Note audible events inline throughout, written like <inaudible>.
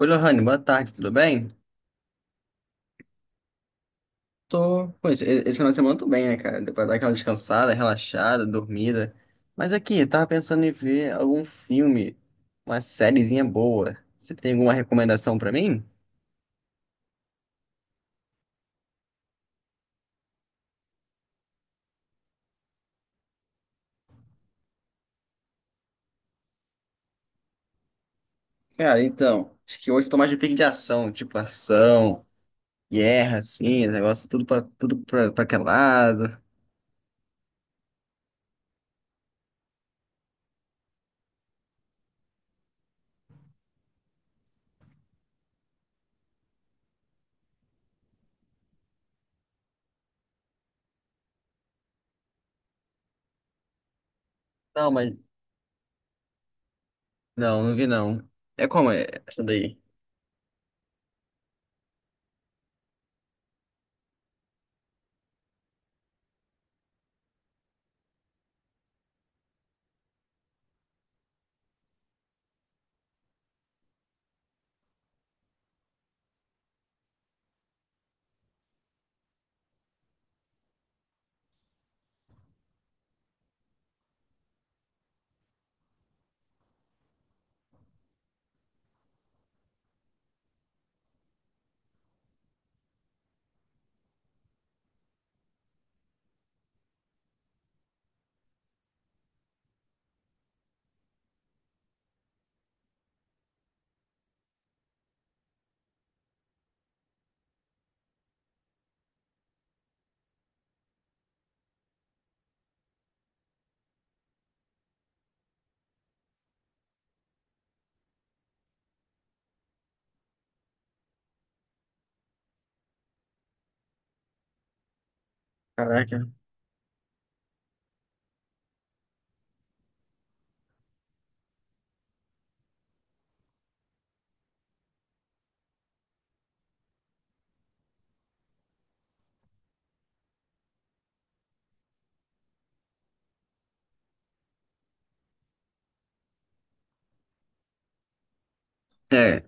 Oi, Lohane, boa tarde, tudo bem? Tô, pois, esse final de semana eu tô bem, né, cara? Deu pra dar aquela descansada, relaxada, dormida. Mas aqui, eu tava pensando em ver algum filme, uma sériezinha boa. Você tem alguma recomendação pra mim? Cara, então, acho que hoje eu tô mais de pique de ação, tipo ação, guerra, assim, negócio tudo pra, pra aquele lado. Não, mas, não, vi não. É como é essa daí? Caraca. É.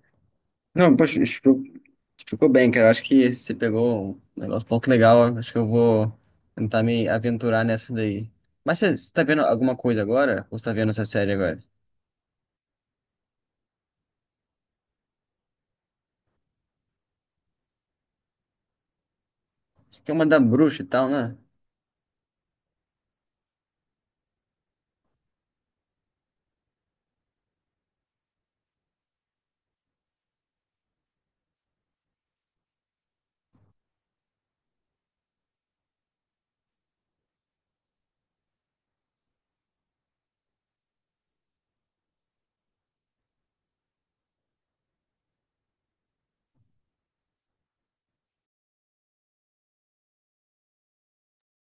Não, poxa, ficou bem, cara. Eu acho que você pegou um negócio um pouco legal. Eu acho que eu vou tentar me aventurar nessa daí. Mas você tá vendo alguma coisa agora? Ou você tá vendo essa série agora? Acho que é uma da bruxa e tal, né?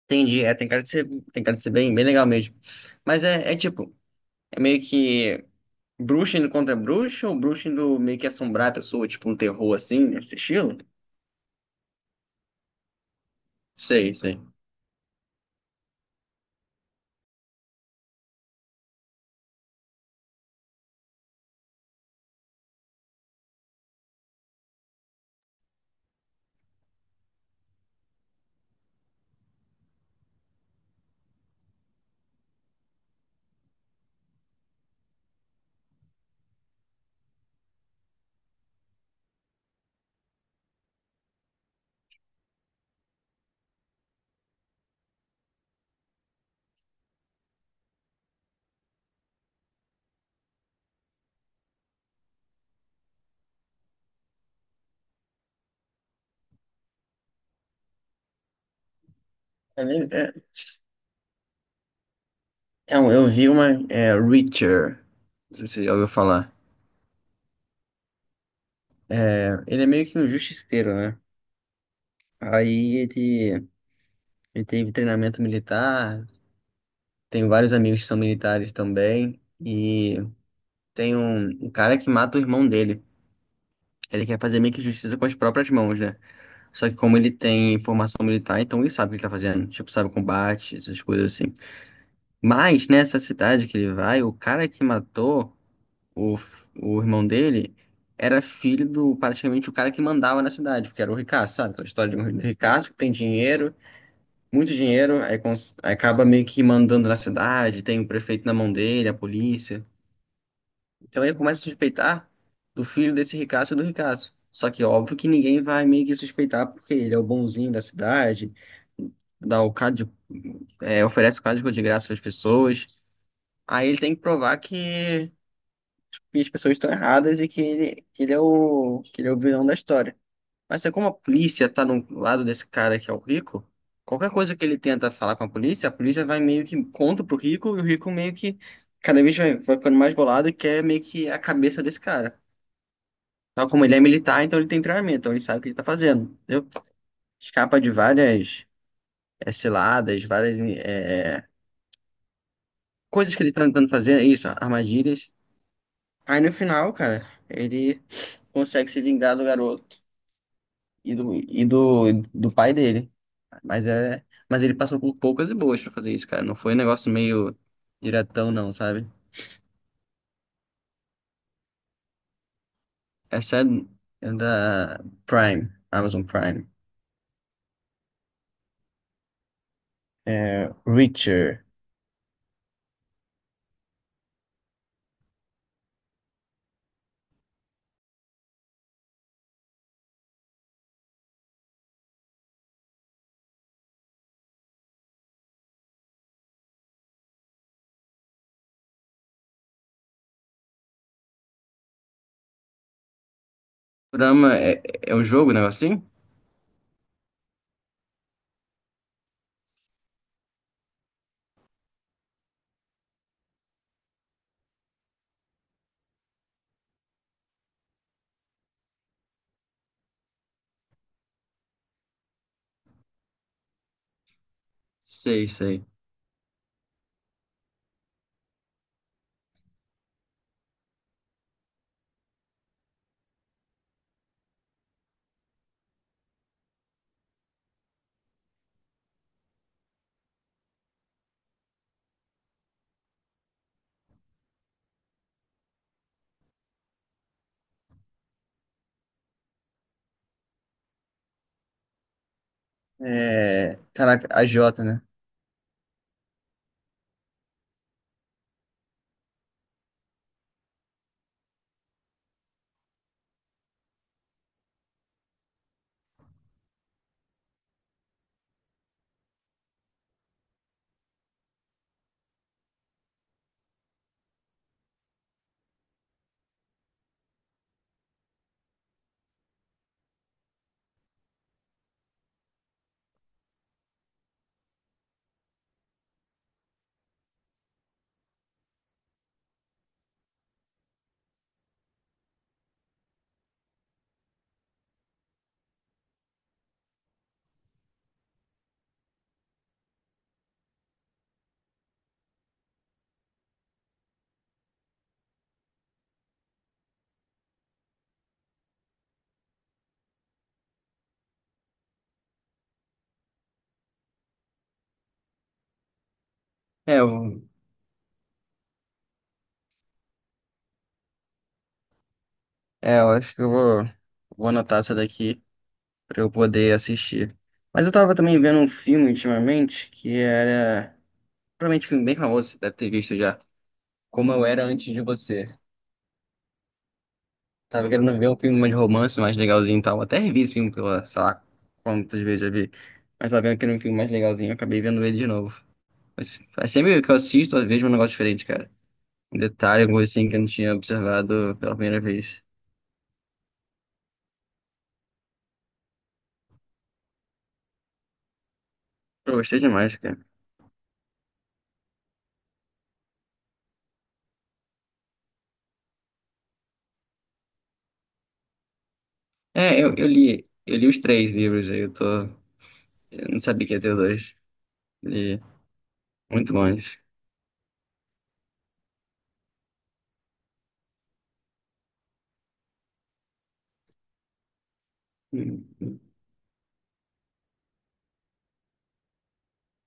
Entendi. É, tem cara de ser, tem cara de ser bem, bem legal mesmo. Mas é, é tipo, é meio que bruxa indo contra bruxa ou bruxa indo meio que assombrar a pessoa, tipo um terror assim, nesse estilo? Sei, sei. É, meio- é, eu vi uma, é, Reacher. Não sei se você já ouviu falar. Ele é meio que um justiceiro, né? Aí ele teve treinamento militar, tem vários amigos que são militares também, e tem um, um cara que mata o irmão dele. Ele quer fazer meio que justiça com as próprias mãos, né? Só que como ele tem formação militar, então ele sabe o que ele tá fazendo. Tipo, sabe o combate, essas coisas assim. Mas nessa cidade que ele vai, o cara que matou o, o irmão dele era filho do praticamente o cara que mandava na cidade, porque era o ricaço, sabe? Aquela história de um ricaço que tem dinheiro muito dinheiro, aí acaba meio que mandando na cidade, tem o prefeito na mão dele, a polícia. Então ele começa a suspeitar do filho desse ricaço e do ricaço. Só que óbvio que ninguém vai meio que suspeitar porque ele é o bonzinho da cidade, dá o cádio, é, oferece o código de graça para as pessoas. Aí ele tem que provar que as pessoas estão erradas e que ele é o, que ele é o vilão da história. Mas é como a polícia tá no lado desse cara que é o rico, qualquer coisa que ele tenta falar com a polícia vai meio que contra pro rico e o rico meio que cada vez vai, vai ficando mais bolado e quer meio que a cabeça desse cara. Tal como ele é militar, então ele tem treinamento, então ele sabe o que ele tá fazendo, entendeu? Escapa de várias ciladas, várias coisas que ele tá tentando fazer, é isso, armadilhas. Aí no final, cara, ele consegue se vingar do garoto e do do pai dele. Mas é, mas ele passou com poucas e boas pra fazer isso, cara. Não foi um negócio meio diretão, não, sabe? Essa é, é da Prime, Amazon Prime. É, Reacher. Programa é, é o jogo, né? Assim? Sei, sei. É, caraca, a Jota, né? É, eu, é, eu acho que eu vou, vou anotar essa daqui pra eu poder assistir. Mas eu tava também vendo um filme ultimamente que era. Provavelmente um filme bem famoso, você deve ter visto já. Como eu era antes de você. Tava querendo ver um filme mais de romance, mais legalzinho e tal. Até revi esse filme pela, sei lá, quantas vezes já vi. Mas tava vendo que era um filme mais legalzinho, eu acabei vendo ele de novo. Mas sempre que eu assisto, eu vejo um negócio diferente, cara. Um detalhe, alguma coisa assim que eu não tinha observado pela primeira vez. Eu gostei demais, cara. Eu li os 3 livros aí, eu tô. Eu não sabia que ia ter dois. Li muito bons.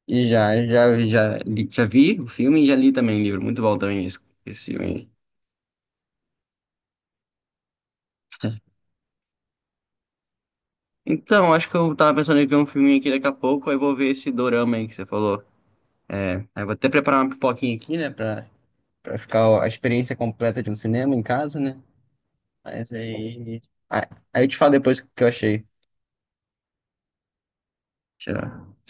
E já, li, já vi o filme e já li também o livro. Muito bom também esse filme aí. <laughs> Então, acho que eu tava pensando em ver um filminho aqui daqui a pouco, aí vou ver esse dorama aí que você falou. É, aí eu vou até preparar uma pipoquinha aqui, né, pra, pra ficar ó, a experiência completa de um cinema em casa, né? Mas aí. Aí aí eu te falo depois o que eu achei. Tchau.